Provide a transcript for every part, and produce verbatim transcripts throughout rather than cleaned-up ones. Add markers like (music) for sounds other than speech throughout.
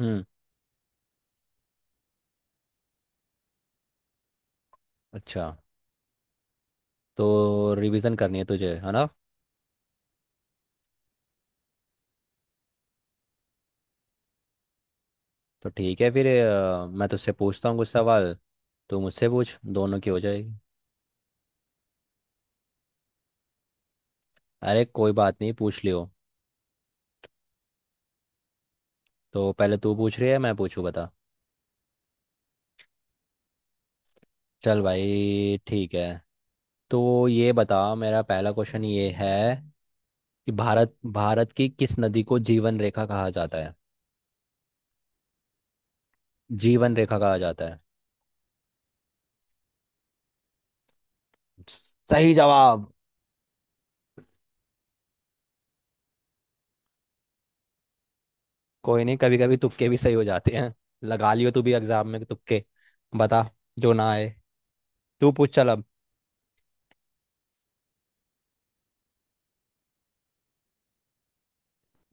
हम्म। अच्छा। तो रिवीजन करनी है तुझे, है ना। तो ठीक है फिर अ, मैं तुझसे पूछता हूँ कुछ सवाल। तू मुझसे पूछ, दोनों की हो जाएगी। अरे कोई बात नहीं, पूछ लियो। तो पहले तू पूछ रही है मैं पूछूँ, बता। चल भाई ठीक है। तो ये बता, मेरा पहला क्वेश्चन ये है कि भारत भारत की किस नदी को जीवन रेखा कहा जाता है। जीवन रेखा कहा जाता है। सही जवाब। कोई नहीं, कभी कभी तुक्के भी सही हो जाते हैं। लगा लियो तू भी एग्जाम में तुक्के। बता, जो ना आए। तू पूछ चल अब।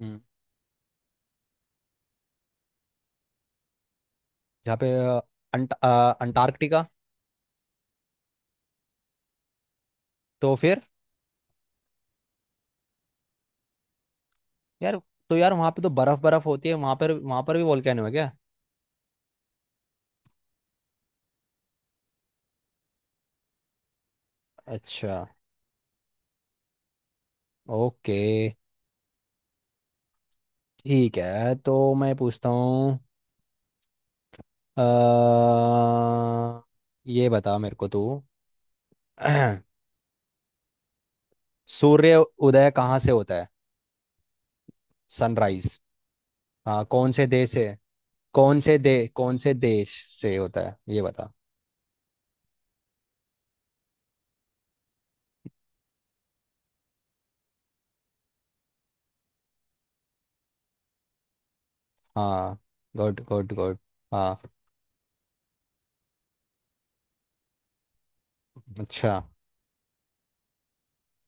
हम्म। यहाँ पे अ, अंट, अ, अंटार्कटिका। तो फिर यार, तो यार वहाँ पे तो बर्फ बर्फ होती है, वहाँ पर वहाँ पर भी वोल्केनो है क्या। अच्छा। ओके। ठीक है तो मैं पूछता हूँ। अ, ये बता मेरे को तू। (clears throat) सूर्य उदय कहाँ से होता है, सनराइज। हाँ, कौन से देश से। कौन से दे कौन से देश से होता है ये बता। हाँ, गुड गुड गुड। हाँ। अच्छा।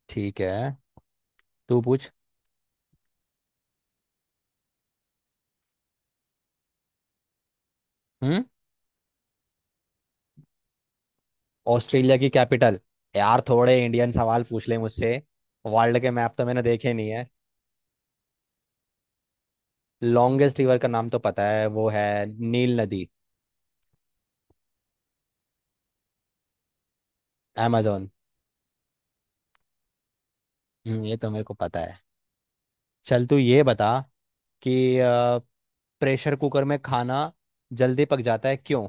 ठीक है तू पूछ। हम्म। ऑस्ट्रेलिया की कैपिटल। यार थोड़े इंडियन सवाल पूछ ले मुझसे, वर्ल्ड के मैप तो मैंने देखे नहीं है। लॉन्गेस्ट रिवर का नाम तो पता है, वो है नील नदी। अमेज़न। हम्म, ये तो मेरे को पता है। चल तू ये बता कि प्रेशर कुकर में खाना जल्दी पक जाता है क्यों।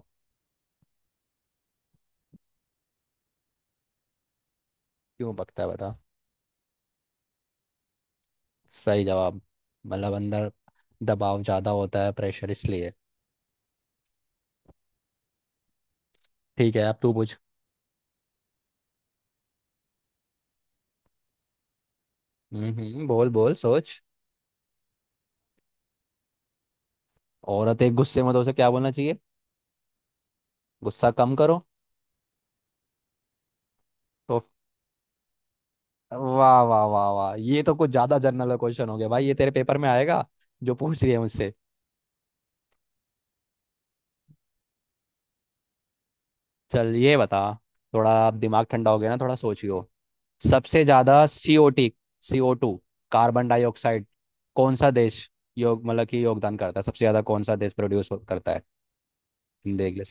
क्यों पकता है बता। सही जवाब। मतलब अंदर दबाव ज़्यादा होता है प्रेशर, इसलिए। ठीक है, अब तू पूछ। हम्म हम्म, बोल बोल सोच। औरत एक गुस्से में तो उसे क्या बोलना चाहिए। गुस्सा कम करो। तो वाह वाह वाह वाह, ये तो कुछ ज्यादा जनरल क्वेश्चन हो गया भाई, ये तेरे पेपर में आएगा जो पूछ रही है मुझसे। चल ये बता, थोड़ा अब दिमाग ठंडा हो गया ना, थोड़ा सोचियो। सबसे ज्यादा सी ओ टी, सी ओ टू, कार्बन डाइऑक्साइड कौन सा देश योग मतलब कि योगदान करता है, सबसे ज्यादा कौन सा देश प्रोड्यूस करता है। देख ले।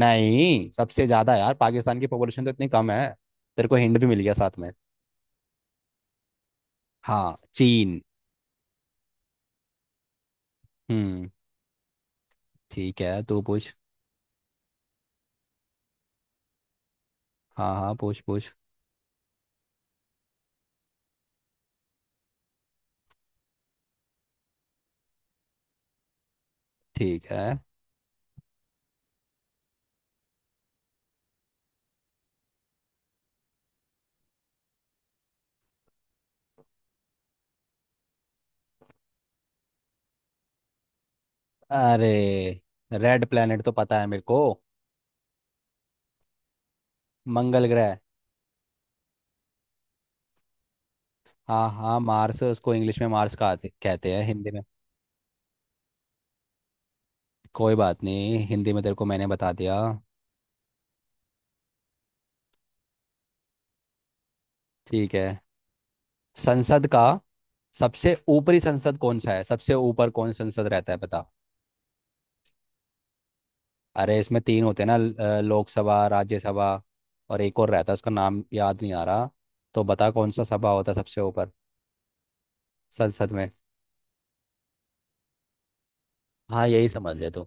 नहीं, सबसे ज्यादा यार पाकिस्तान की पॉपुलेशन तो इतनी कम है। तेरे को हिंट भी मिल गया साथ में। हाँ चीन। हम्म। ठीक है तू पूछ। हाँ हाँ पूछ पूछ। ठीक है। अरे, रेड प्लेनेट तो पता है मेरे को। मंगल ग्रह। हाँ हाँ मार्स, उसको इंग्लिश में मार्स कहते कहते हैं हिंदी में। कोई बात नहीं, हिंदी में तेरे को मैंने बता दिया। ठीक है। संसद का सबसे ऊपरी संसद कौन सा है, सबसे ऊपर कौन संसद रहता है बता। अरे इसमें तीन होते हैं ना, ल- अ, लोकसभा राज्यसभा और एक और रहता है, उसका नाम याद नहीं आ रहा। तो बता कौन सा सभा होता है सबसे ऊपर संसद में। हाँ यही समझ ले तू।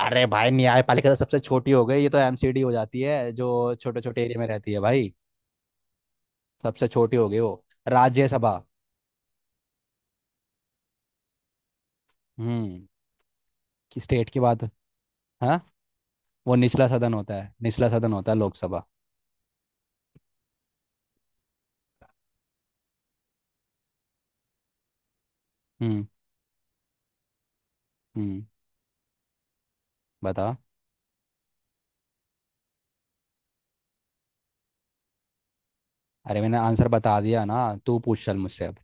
अरे भाई न्यायपालिका तो सबसे छोटी हो गई, ये तो एम सी डी हो जाती है जो छोटे छोटे एरिया में रहती है भाई। सबसे छोटी हो गई वो। राज्यसभा। हम्म। कि स्टेट की बात। हाँ, वो निचला सदन होता है, निचला सदन होता है लोकसभा। हम्म। हम्म। बता। अरे मैंने आंसर बता दिया ना। तू पूछ चल मुझसे अब।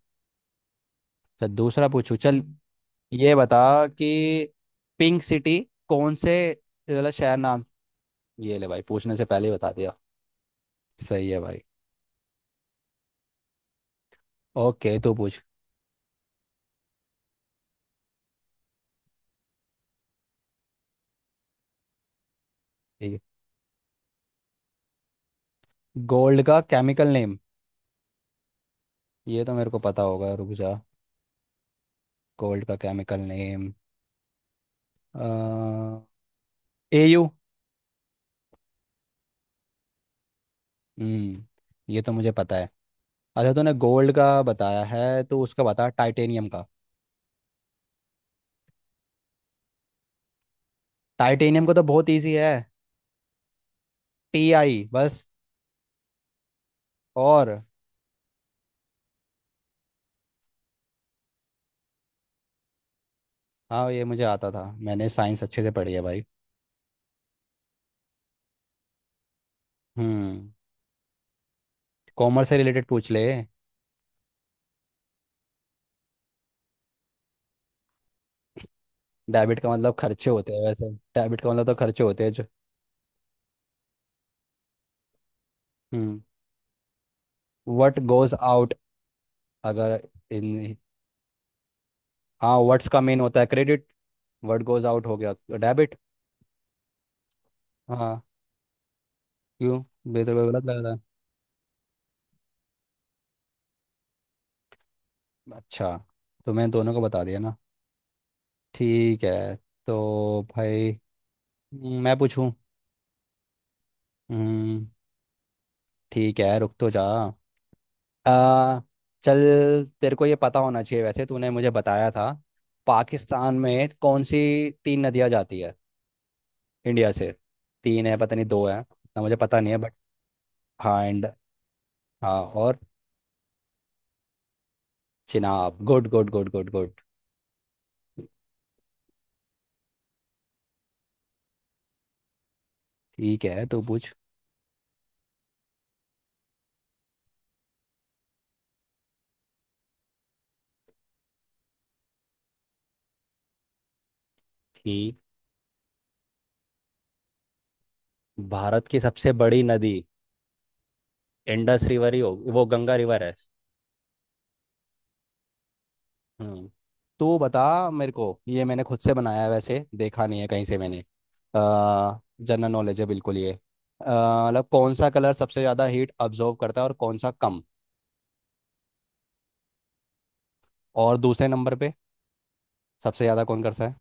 चल दूसरा पूछू चल। ये बता कि पिंक सिटी कौन से वाला शहर नाम। ये ले भाई, पूछने से पहले ही बता दिया। सही है भाई। ओके तू पूछ। ठीक है। गोल्ड का केमिकल नेम। ये तो मेरे को पता होगा, रुक जा। गोल्ड का केमिकल नेम ए यू। हम्म, ये तो मुझे पता है। अच्छा तूने गोल्ड का बताया है तो उसका बता टाइटेनियम का। टाइटेनियम का तो बहुत इजी है, टी आई बस। और। हाँ ये मुझे आता था, मैंने साइंस अच्छे से पढ़ी है भाई। हम्म। कॉमर्स से रिलेटेड पूछ ले। डेबिट का मतलब खर्चे होते हैं, वैसे डेबिट का मतलब तो खर्चे होते हैं जो। हम्म, व्हाट गोज आउट। अगर इन। हाँ व्हाट्स का मेन होता है क्रेडिट, व्हाट गोज आउट हो गया डेबिट। हाँ। क्यों, बेहतर को गलत लग रहा है। अच्छा, तो मैंने दोनों को बता दिया ना। ठीक है। तो भाई। हम्म, मैं पूछूं। हम्म, ठीक है रुक तो जा। आ, चल तेरे को ये पता होना चाहिए वैसे, तूने मुझे बताया था। पाकिस्तान में कौन सी तीन नदियां जाती है इंडिया से। तीन है पता नहीं, दो है ना मुझे पता नहीं है बट। हाँ एंड। हाँ और। Chenab, good good good good good. ठीक है तू पूछ। कि भारत की सबसे बड़ी नदी, इंडस रिवर ही हो, वो गंगा रिवर है। हम्म। तू बता। मेरे को ये मैंने खुद से बनाया है वैसे, देखा नहीं है कहीं से मैंने, जनरल नॉलेज है बिल्कुल ये। अ, मतलब कौन सा कलर सबसे ज़्यादा हीट अब्जॉर्व करता है और कौन सा कम। और दूसरे नंबर पे सबसे ज़्यादा कौन करता है।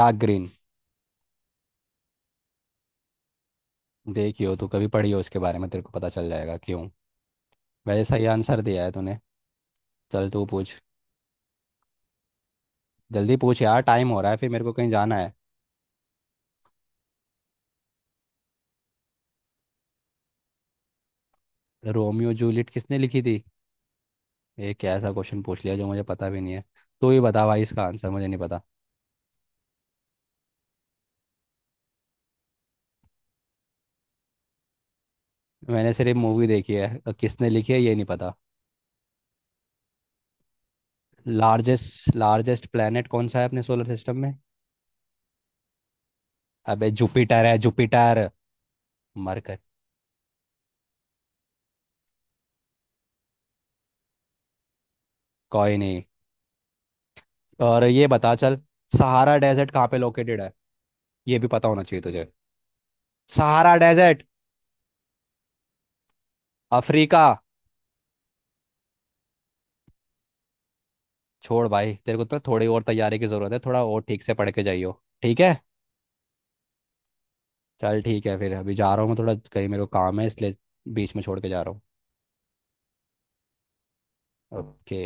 Dark green. देखियो तू कभी पढ़ी हो इसके बारे में तेरे को पता चल जाएगा क्यों। वैसे सही आंसर दिया है तूने। चल तू पूछ। जल्दी पूछ यार, टाइम हो रहा है, फिर मेरे को कहीं जाना है। रोमियो जूलियट किसने लिखी थी। ये कैसा क्वेश्चन पूछ लिया जो मुझे पता भी नहीं है। तू ही बता भाई, इसका आंसर मुझे नहीं पता। मैंने सिर्फ मूवी देखी है, अ, किसने लिखी है ये नहीं पता। लार्जेस्ट लार्जेस्ट प्लेनेट कौन सा है अपने सोलर सिस्टम में। अबे जुपिटर है जुपिटर। मरकर। कोई नहीं। और ये बता चल, सहारा डेजर्ट कहाँ पे लोकेटेड है, ये भी पता होना चाहिए तुझे। Sahara desert Africa. छोड़ भाई, तेरे को तो थोड़ी और तैयारी की जरूरत है, थोड़ा और ठीक से पढ़ के जाइयो, ठीक है। चल ठीक है फिर, अभी जा रहा हूँ मैं थोड़ा कहीं, मेरे को काम है इसलिए बीच में छोड़ के जा रहा हूँ। ओके।